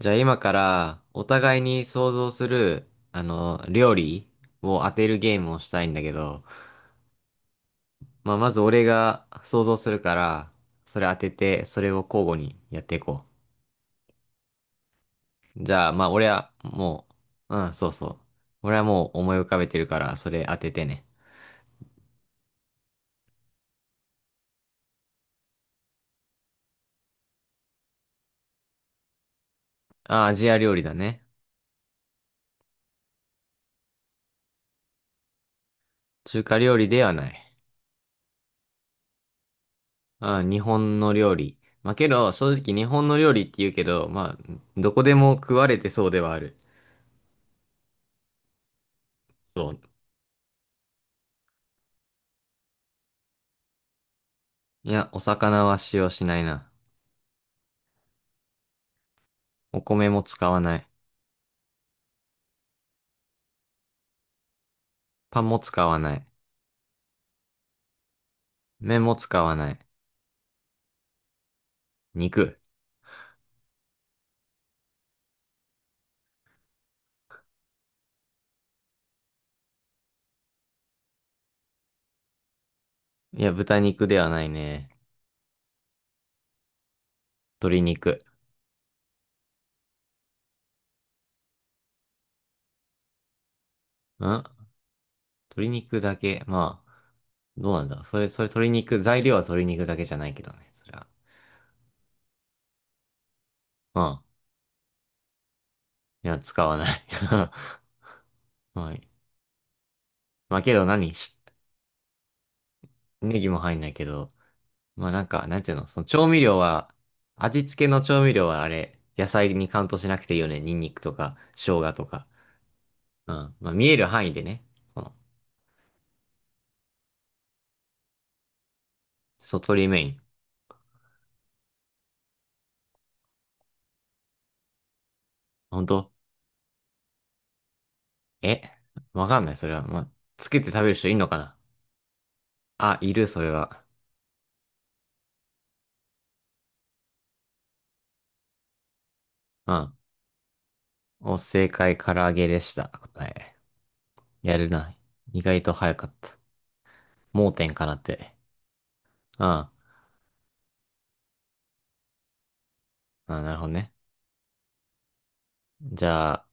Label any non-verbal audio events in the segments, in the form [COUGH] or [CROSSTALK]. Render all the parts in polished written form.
じゃあ今からお互いに想像する、料理を当てるゲームをしたいんだけど、まあまず俺が想像するから、それ当てて、それを交互にやっていこう。じゃあまあ俺はもう、うん、そうそう。俺はもう思い浮かべてるから、それ当ててね。あ、アジア料理だね。中華料理ではない。あ、日本の料理。まあけど、正直日本の料理って言うけど、まあ、どこでも食われてそうではある。そう。いや、お魚は使用しないな。お米も使わない。パンも使わない。麺も使わない。肉。いや、豚肉ではないね。鶏肉。ん鶏肉だけ。まあ、どうなんだ。それ鶏肉、材料は鶏肉だけじゃないけどね。それは。まあ、いや、使わない。[LAUGHS] はい。まあけどネギも入んないけど。まあなんか、なんていうの、その調味料は、味付けの調味料は野菜にカウントしなくていいよね。ニンニクとか、生姜とか。うん。まあ見える範囲でね。その、そう、鶏メイン。本当？えわかんない、それは。まあ、つけて食べる人いんのかな？あ、いる、それは。うん。お、正解、唐揚げでした。答え。やるな。意外と早かった。盲点かなって。うん。あ、なるほどね。じゃあ、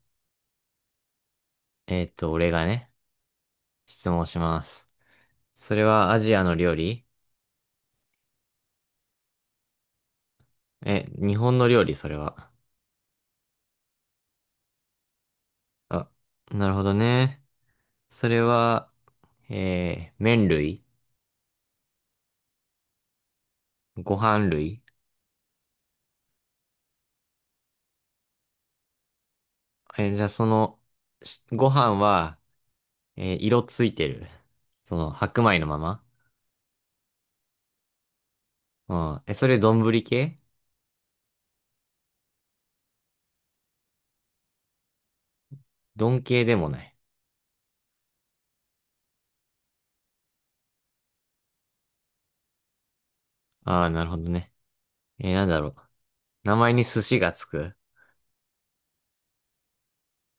俺がね、質問します。それはアジアの料理？え、日本の料理、それは。あ、なるほどね。それは、麺類？ご飯類？じゃあご飯は、色ついてる？白米のまま。うん。それ丼系？丼系でもない。ああ、なるほどね。なんだろう。名前に寿司がつく？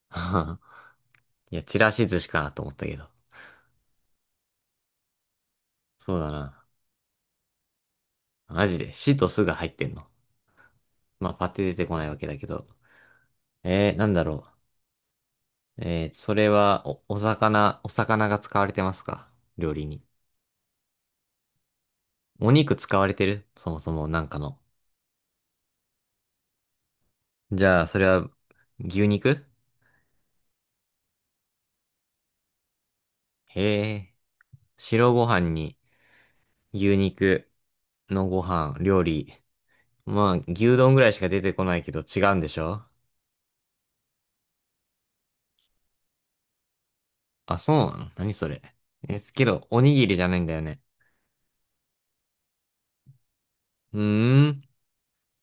[LAUGHS] いや、ちらし寿司かなと思ったけど。そうだな。マジで、しとすが入ってんの？まあ、パッて出てこないわけだけど。なんだろう。それは、お魚が使われてますか？料理に。お肉使われてるそもそも、なんかの。じゃあ、それは、牛肉？へえ、白ご飯に、牛肉のご飯、料理。まあ、牛丼ぐらいしか出てこないけど違うんでしょ？あ、そうなの？何それ。ですけど、おにぎりじゃないんだよね。うーん。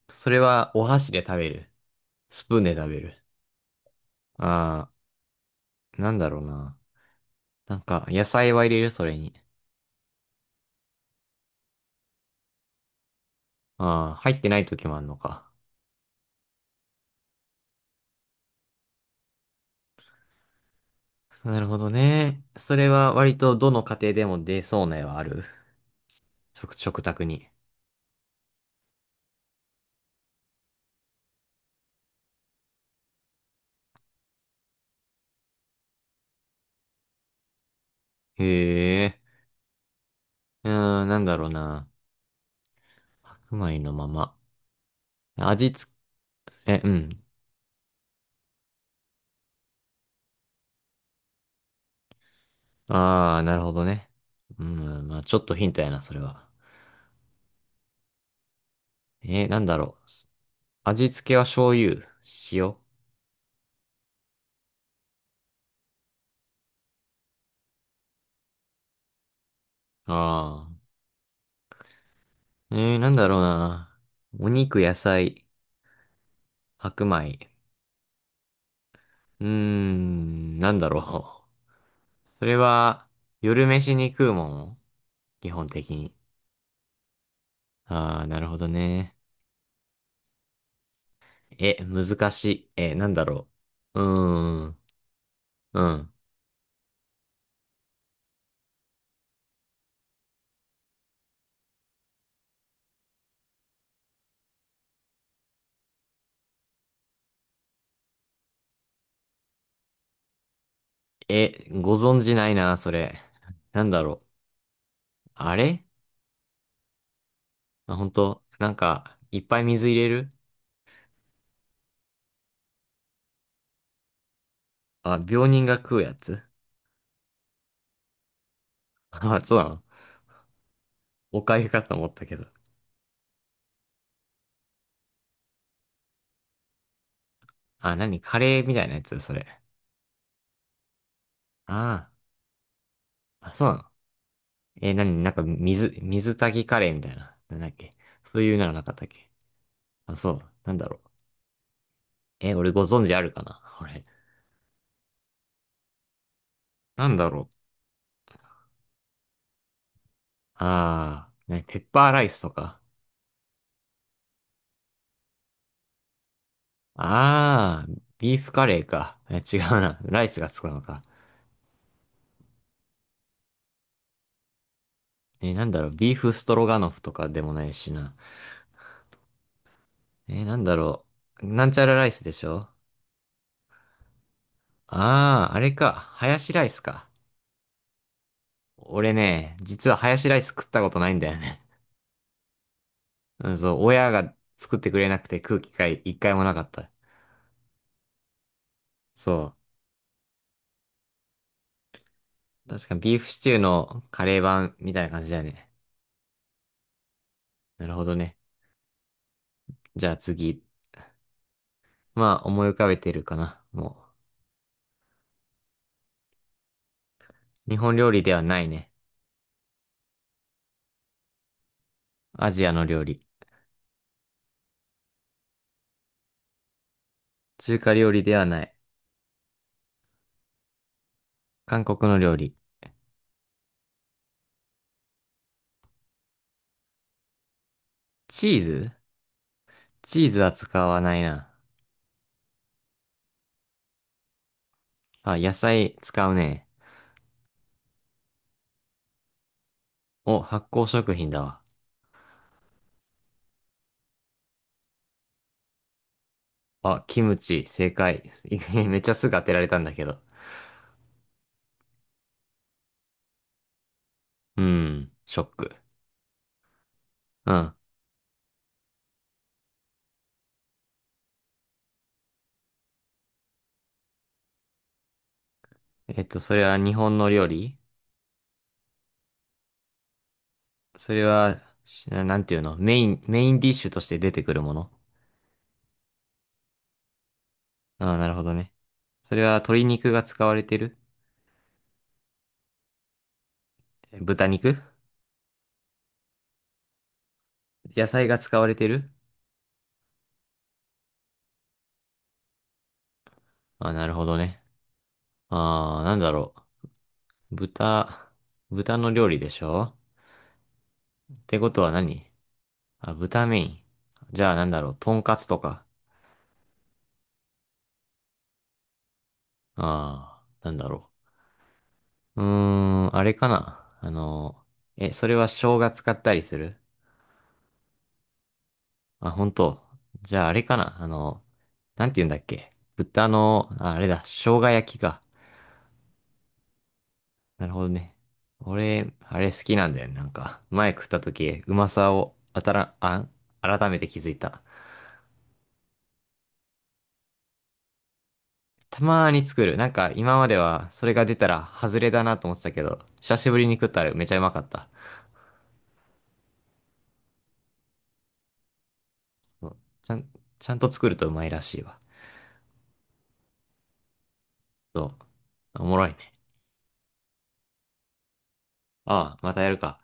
それはお箸で食べる？スプーンで食べる？ああ、なんだろうな。なんか、野菜は入れるそれに？ああ、入ってない時もあんのか。なるほどね。それは割とどの家庭でも出そうな絵はある。食卓に。へえ。うーん、なんだろうな。白米のまま。味付え、うん。ああ、なるほどね。うん、まあちょっとヒントやな、それは。なんだろう。味付けは醤油、塩。ああ。なんだろうな。お肉、野菜、白米。うーん、なんだろう。[LAUGHS] それは、夜飯に食うもん基本的に。ああ、なるほどね。え、難しい。なんだろう。うーん、うん。ご存知ないな、それ。なんだろう。あれまあ、本当なんか、いっぱい水入れる？あ、病人が食うやつ？ [LAUGHS] まあ、そうなの？おかゆかと思ったけど。あ、何カレーみたいなやつそれ？ああ、あ、そうなの？何なんか、水炊きカレーみたいな。なんだっけ？そういうのなかったっけ？あ、そう。なんだろう。俺ご存知あるかなこれ？なんだろう。ああ、ね、ペッパーライスとか。ああ、ビーフカレーか。違うな。ライスがつくのか。なんだろう。ビーフストロガノフとかでもないしな。なんだろう。なんちゃらライスでしょ？ああー、あれか。ハヤシライスか。俺ね、実はハヤシライス食ったことないんだよね。うんそう、親が作ってくれなくて食う機会一回もなかった。そう。確かビーフシチューのカレー版みたいな感じだね。なるほどね。じゃあ次。まあ、思い浮かべてるかな。もう。日本料理ではないね。アジアの料理。中華料理ではない。韓国の料理。チーズ？チーズは使わないな。あ、野菜使うね。お、発酵食品だわ。あ、キムチ、正解。[LAUGHS] めっちゃすぐ当てられたんだけど。うん、ショック。うん。それは日本の料理？それは、なんていうのメインディッシュとして出てくるもの？ああ、なるほどね。それは鶏肉が使われてる？豚肉？野菜が使われてる？ああ、なるほどね。ああ、なんだろう。豚の料理でしょ？ってことは何？あ、豚メイン。じゃあなんだろう。とんかつとか。ああ、なんだろう。うーん、あれかな。それは生姜使ったりする？あ、本当。じゃああれかな。なんて言うんだっけ。豚の、あ、あれだ、生姜焼きか。なるほどね。俺、あれ好きなんだよね。なんか、前食った時、うまさを、あたら、あ、改めて気づいた。たまーに作る。なんか、今までは、それが出たら、外れだなと思ってたけど、久しぶりに食ったらめちゃうまかった。そうちゃん、ちゃんと作るとうまいらしいわ。そう。おもろいね。ああ、またやるか。